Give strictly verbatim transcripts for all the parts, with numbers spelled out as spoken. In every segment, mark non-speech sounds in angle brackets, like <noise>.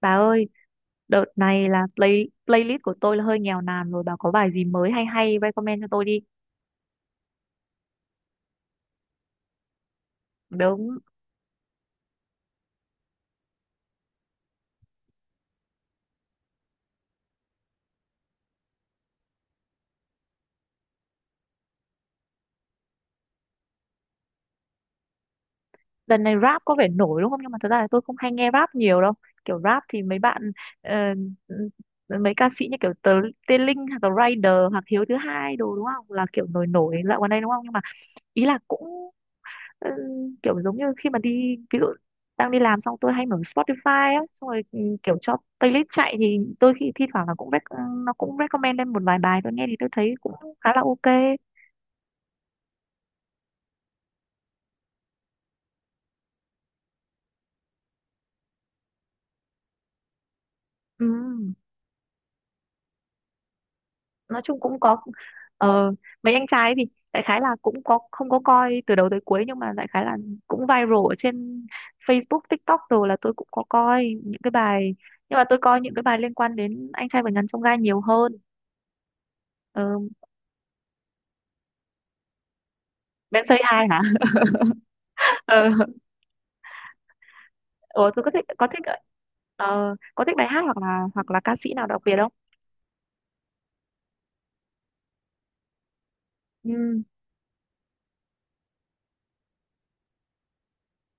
Bà ơi, đợt này là play playlist của tôi là hơi nghèo nàn rồi. Bà có bài gì mới hay hay recommend cho tôi đi. Đúng, đợt này rap có vẻ nổi đúng không? Nhưng mà thật ra là tôi không hay nghe rap nhiều đâu. Kiểu rap thì mấy bạn ờ, ừ, mấy ca sĩ như kiểu Tờ, Tê Linh hoặc là Rider hoặc Hiếu thứ hai đồ đúng không? Là kiểu nổi nổi dạo gần đây đúng không? Nhưng mà ý là cũng ừ, kiểu giống như khi mà đi, ví dụ đang đi làm xong tôi hay mở Spotify á, xong rồi ừ, kiểu cho playlist chạy thì tôi khi thi thoảng là cũng rec- nó cũng recommend lên một vài bài tôi nghe thì tôi thấy cũng khá là ok. ừ. Nói chung cũng có ờ, mấy anh trai ấy thì đại khái là cũng có, không có coi từ đầu tới cuối nhưng mà đại khái là cũng viral ở trên Facebook, TikTok rồi là tôi cũng có coi những cái bài, nhưng mà tôi coi những cái bài liên quan đến anh trai vượt ngàn chông gai nhiều hơn. Ờ, Ben Say Hi hả? <laughs> Ờ. Ủa, tôi có thích, có thích ờ, có thích bài hát hoặc là hoặc là ca sĩ nào đặc biệt không? Ừ,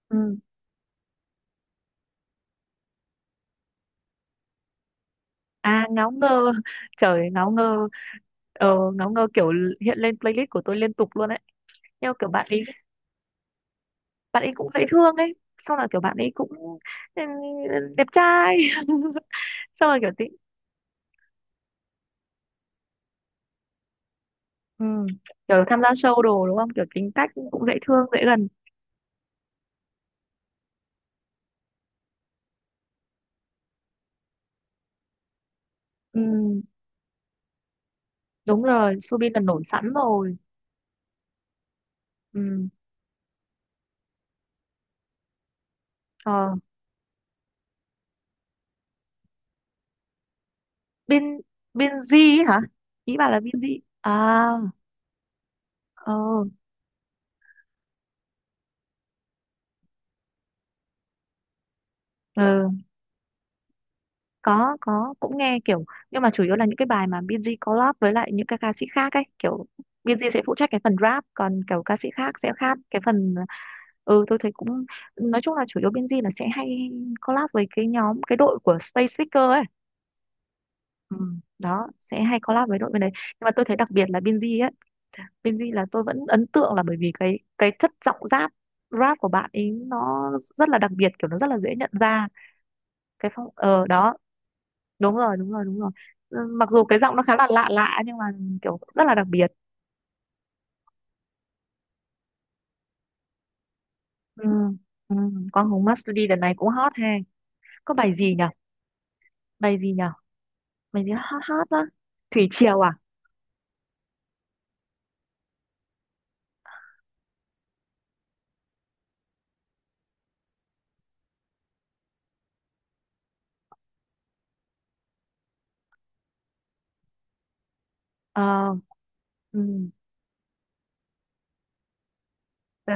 ừ. À, ngáo ngơ, <laughs> trời ngáo ngơ, ờ, ngáo ngơ kiểu hiện lên playlist của tôi liên tục luôn ấy. Nhưng mà kiểu bạn ấy bạn ấy cũng dễ thương ấy, sau là kiểu bạn ấy cũng ừ, đẹp trai, <laughs> xong rồi kiểu tính, ừ. kiểu tham gia show đồ đúng không? Kiểu tính cách cũng dễ thương, dễ gần. Ừ, đúng rồi, Subin là nổi sẵn rồi. Ừ. Ờ, Bin Binz ấy hả, ý bà là Binz à? Ờ ừ, có có cũng nghe kiểu, nhưng mà chủ yếu là những cái bài mà Binz collab với lại những cái ca sĩ khác ấy, kiểu Binz sẽ phụ trách cái phần rap còn kiểu ca sĩ khác sẽ khác cái phần. Ừ, tôi thấy cũng, nói chung là chủ yếu Binz là sẽ hay collab với cái nhóm, cái đội của Space Speaker ấy, ừ, đó sẽ hay collab với đội bên đấy, nhưng mà tôi thấy đặc biệt là Binz ấy, Benji là tôi vẫn ấn tượng là bởi vì cái cái chất giọng rap rap của bạn ấy nó rất là đặc biệt, kiểu nó rất là dễ nhận ra cái phong ờ đó. Đúng rồi, đúng rồi, đúng rồi. Ừ, mặc dù cái giọng nó khá là lạ lạ nhưng mà kiểu rất là đặc biệt. Ừ, ừ. Con Hùng Mastery đợt này cũng hot ha, có bài gì nhở, bài gì nhở, bài gì hot hot đó? Thủy Triều à? Ờ ừ. Ờ,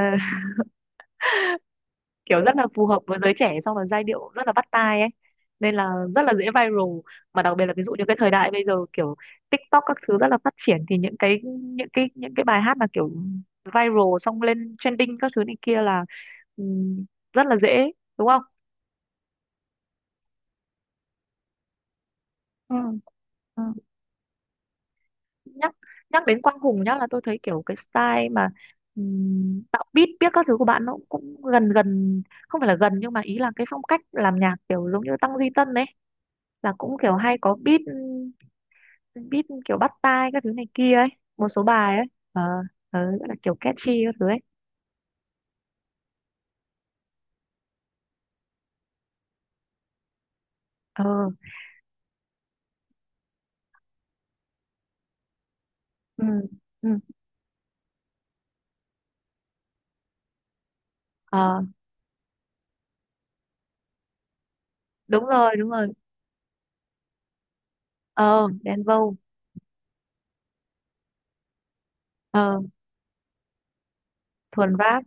kiểu rất là phù hợp với giới trẻ, xong là giai điệu rất là bắt tai ấy, nên là rất là dễ viral, mà đặc biệt là ví dụ như cái thời đại bây giờ kiểu TikTok các thứ rất là phát triển, thì những cái những cái những cái bài hát mà kiểu viral xong lên trending các thứ này kia là ừm, rất là dễ, đúng không? Ừ, ừ. nhắc Nhắc đến Quang Hùng nhá là tôi thấy kiểu cái style mà ừm, tạo beat biết các thứ của bạn nó cũng gần gần, không phải là gần nhưng mà ý là cái phong cách làm nhạc kiểu giống như Tăng Duy Tân ấy, là cũng kiểu hay có beat beat kiểu bắt tai các thứ này kia ấy, một số bài ấy, ờ, ờ, gọi là kiểu catchy các thứ ấy. Ờ ừ ừ ờ đúng rồi đúng rồi ờ, Đen Vâu, ờ, thuần rap.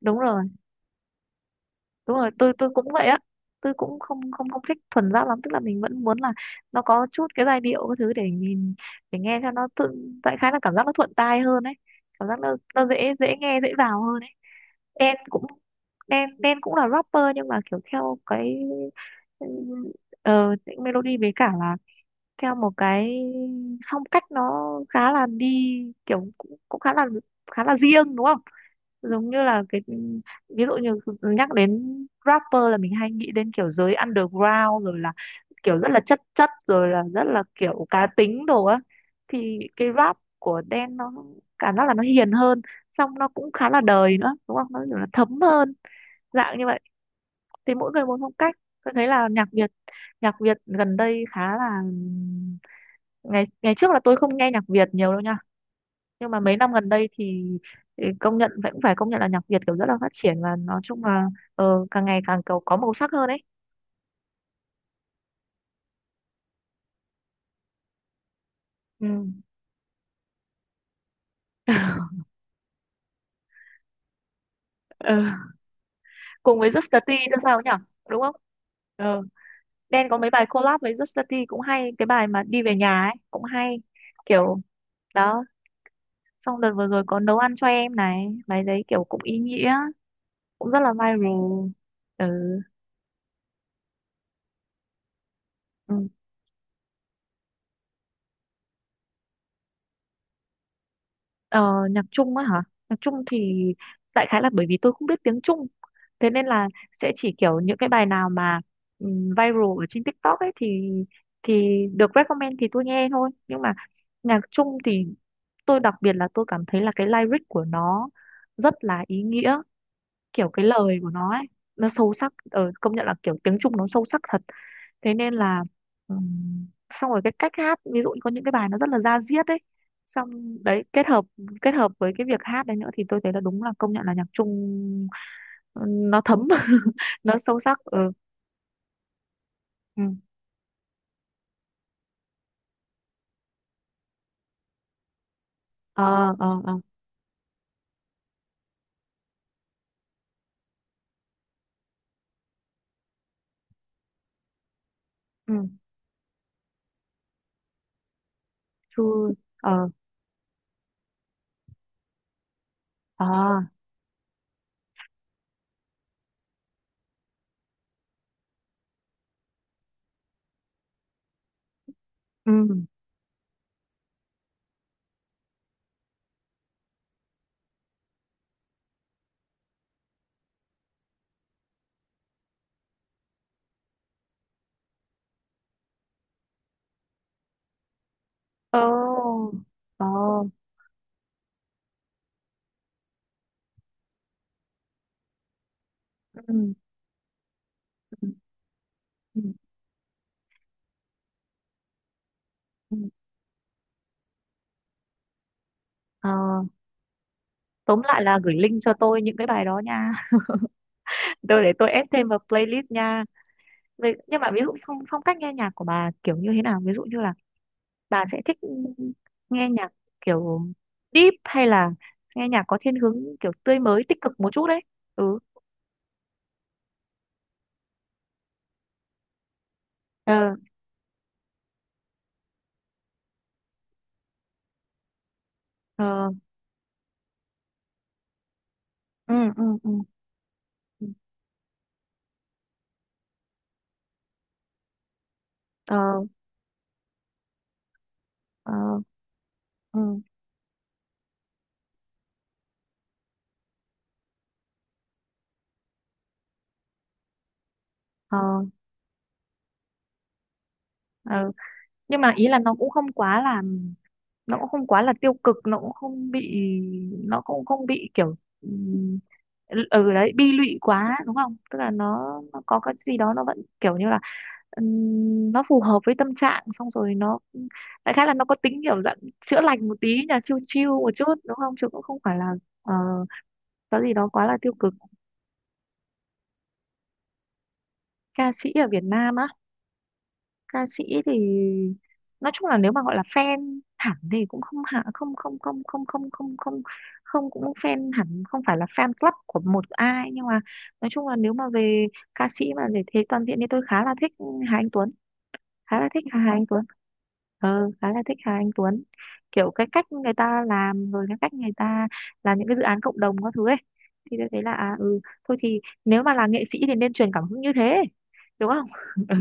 Đúng rồi, đúng rồi, tôi tôi cũng vậy á, tôi cũng không không không thích thuần rap lắm, tức là mình vẫn muốn là nó có chút cái giai điệu các thứ để nhìn, để nghe cho nó tự tại, khá là cảm giác nó thuận tai hơn ấy, cảm giác nó nó dễ, dễ nghe, dễ vào hơn ấy. Đen cũng, Đen Đen cũng là rapper nhưng mà kiểu theo cái ừ, ờ melody, với cả là theo một cái phong cách nó khá là đi, kiểu cũng, cũng khá là, khá là riêng đúng không? Giống như là cái, ví dụ như nhắc đến rapper là mình hay nghĩ đến kiểu giới underground, rồi là kiểu rất là chất chất, rồi là rất là kiểu cá tính đồ á, thì cái rap của Đen nó cảm giác là nó hiền hơn, xong nó cũng khá là đời nữa đúng không, nó kiểu là thấm hơn, dạng như vậy. Thì mỗi người một phong cách, tôi thấy là nhạc Việt, nhạc Việt gần đây khá là, ngày ngày trước là tôi không nghe nhạc Việt nhiều đâu nhá, nhưng mà mấy năm gần đây thì ừ, công nhận, vẫn phải công nhận là nhạc Việt kiểu rất là phát triển, và nói chung là ờ, càng ngày càng kiểu có màu sắc hơn ấy. Ừ. <laughs> Ờ, cùng với Just the Tea nữa sao nhỉ, đúng không? Ờ, Đen có mấy bài collab với Just the Tea cũng hay, cái bài mà đi về nhà ấy cũng hay, kiểu đó. Xong đợt vừa rồi có nấu ăn cho em này, bài đấy kiểu cũng ý nghĩa, cũng rất là viral. Ừ. Ờ, nhạc Trung á hả? Nhạc Trung thì đại khái là bởi vì tôi không biết tiếng Trung, thế nên là sẽ chỉ kiểu những cái bài nào mà ừm, viral ở trên TikTok ấy thì thì được recommend thì tôi nghe thôi. Nhưng mà nhạc Trung thì tôi đặc biệt là tôi cảm thấy là cái lyric của nó rất là ý nghĩa, kiểu cái lời của nó ấy, nó sâu sắc. Ờ, công nhận là kiểu tiếng Trung nó sâu sắc thật, thế nên là ừm, xong rồi cái cách hát, ví dụ như có những cái bài nó rất là da diết ấy, xong đấy kết hợp kết hợp với cái việc hát đấy nữa thì tôi thấy là đúng là, công nhận là nhạc Trung, ừ, nó thấm. <laughs> Nó sâu sắc. Ừ ừ ờ ờ ờ ừ chu ờ ờ ừ ờ ờ ừ ừ ừ ừ. ờ tóm lại là gửi link cho tôi những cái bài đó nha. <laughs> Tôi để tôi add thêm vào playlist nha. Vì- nhưng mà ví dụ phong phong cách nghe nhạc của bà kiểu như thế nào, ví dụ như là bà sẽ thích nghe nhạc kiểu deep hay là nghe nhạc có thiên hướng kiểu tươi mới, tích cực một chút đấy? Ừ ờ ờ ừ ừ ừ ừ. ờ ờ ừ ờ ờ nhưng mà ý là nó cũng không quá là, nó cũng không quá là tiêu cực, nó cũng không bị, nó cũng không bị kiểu ừm, ừ đấy, bi lụy quá đúng không, tức là nó, nó có cái gì đó nó vẫn kiểu như là ừm, nó phù hợp với tâm trạng, xong rồi nó đại khái là nó có tính kiểu dạng chữa lành một tí nhỉ, chill chill một chút đúng không, chứ cũng không phải là ờ, có gì đó quá là tiêu cực. Ca sĩ ở Việt Nam á? Ca sĩ thì nói chung là nếu mà gọi là fan hẳn thì cũng không, hạ không không không không không không không không cũng fan hẳn, không phải là fan club của một ai, nhưng mà nói chung là nếu mà về ca sĩ mà để thế toàn diện thì tôi khá là thích Hà Anh Tuấn, khá là thích hai anh Tuấn. Ừ, khá là thích hai anh Tuấn, kiểu cái cách người ta làm, rồi cái cách người ta làm những cái dự án cộng đồng các thứ ấy, thì tôi thấy là à, ừ thôi thì nếu mà là nghệ sĩ thì nên truyền cảm hứng như thế, đúng không? <laughs> Ừ,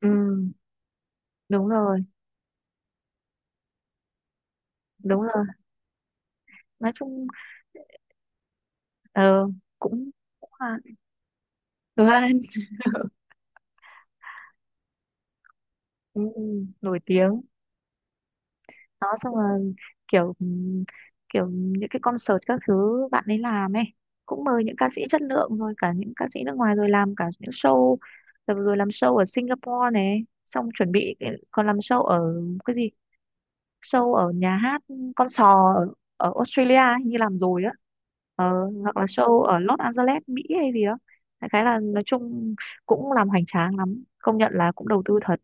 ừ, đúng rồi, đúng rồi, nói chung ờ, cũng cũng là đúng rồi. <laughs> Ừ, nổi tiếng, đó. Xong rồi kiểu ừm, kiểu những cái concert các thứ bạn ấy làm ấy, cũng mời những ca sĩ chất lượng, rồi cả những ca sĩ nước ngoài, rồi làm cả những show, rồi, rồi làm show ở Singapore này, xong chuẩn bị cái- còn làm show ở cái gì, show ở nhà hát ừ, con sò ở, ở Australia ấy, như làm rồi á, ờ, hoặc là show ở Los Angeles, Mỹ hay gì đó. Đại khái là nói chung cũng làm hoành tráng lắm, công nhận là cũng đầu tư thật.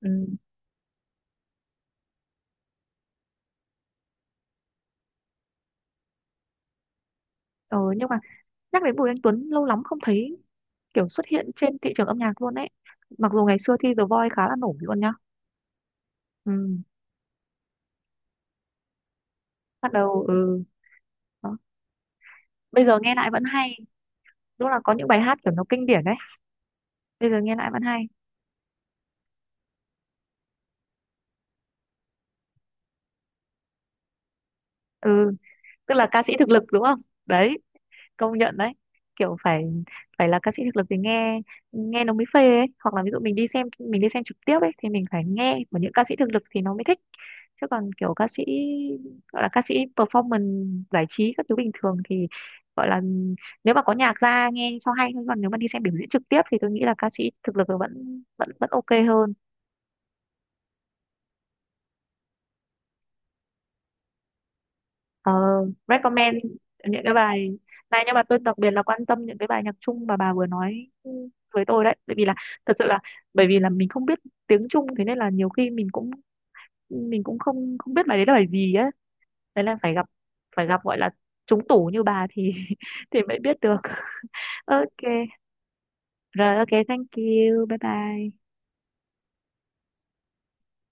Ừ. Ờ, nhưng mà nhắc đến Bùi Anh Tuấn lâu lắm không thấy kiểu xuất hiện trên thị trường âm nhạc luôn ấy, mặc dù ngày xưa thi The Voice khá là nổi luôn nhá. Ừ. Bắt đầu, ừ, đó. Bây giờ nghe lại vẫn hay, đúng là có những bài hát kiểu nó kinh điển đấy, bây giờ nghe lại vẫn hay. Ừ tức là ca sĩ thực lực đúng không, đấy, công nhận đấy, kiểu phải, phải là ca sĩ thực lực thì nghe, nghe nó mới phê ấy, hoặc là ví dụ mình đi xem, mình đi xem trực tiếp ấy thì mình phải nghe của những ca sĩ thực lực thì nó mới thích, chứ còn kiểu ca sĩ, gọi là ca sĩ performance giải trí các thứ bình thường thì gọi là nếu mà có nhạc ra nghe cho hay thôi, còn nếu mà đi xem biểu diễn trực tiếp thì tôi nghĩ là ca sĩ thực lực vẫn vẫn vẫn ok hơn. Ờ, recommend những cái bài này, nhưng mà tôi đặc biệt là quan tâm những cái bài nhạc Trung mà bà vừa nói với tôi đấy, bởi vì là thật sự là bởi vì là mình không biết tiếng Trung thế nên là nhiều khi mình cũng, mình cũng không không biết bài đấy là bài gì ấy. Đấy là phải gặp, phải gặp gọi là trúng tủ như bà thì <laughs> thì mới biết được. Ok rồi, ok, thank you, bye bye.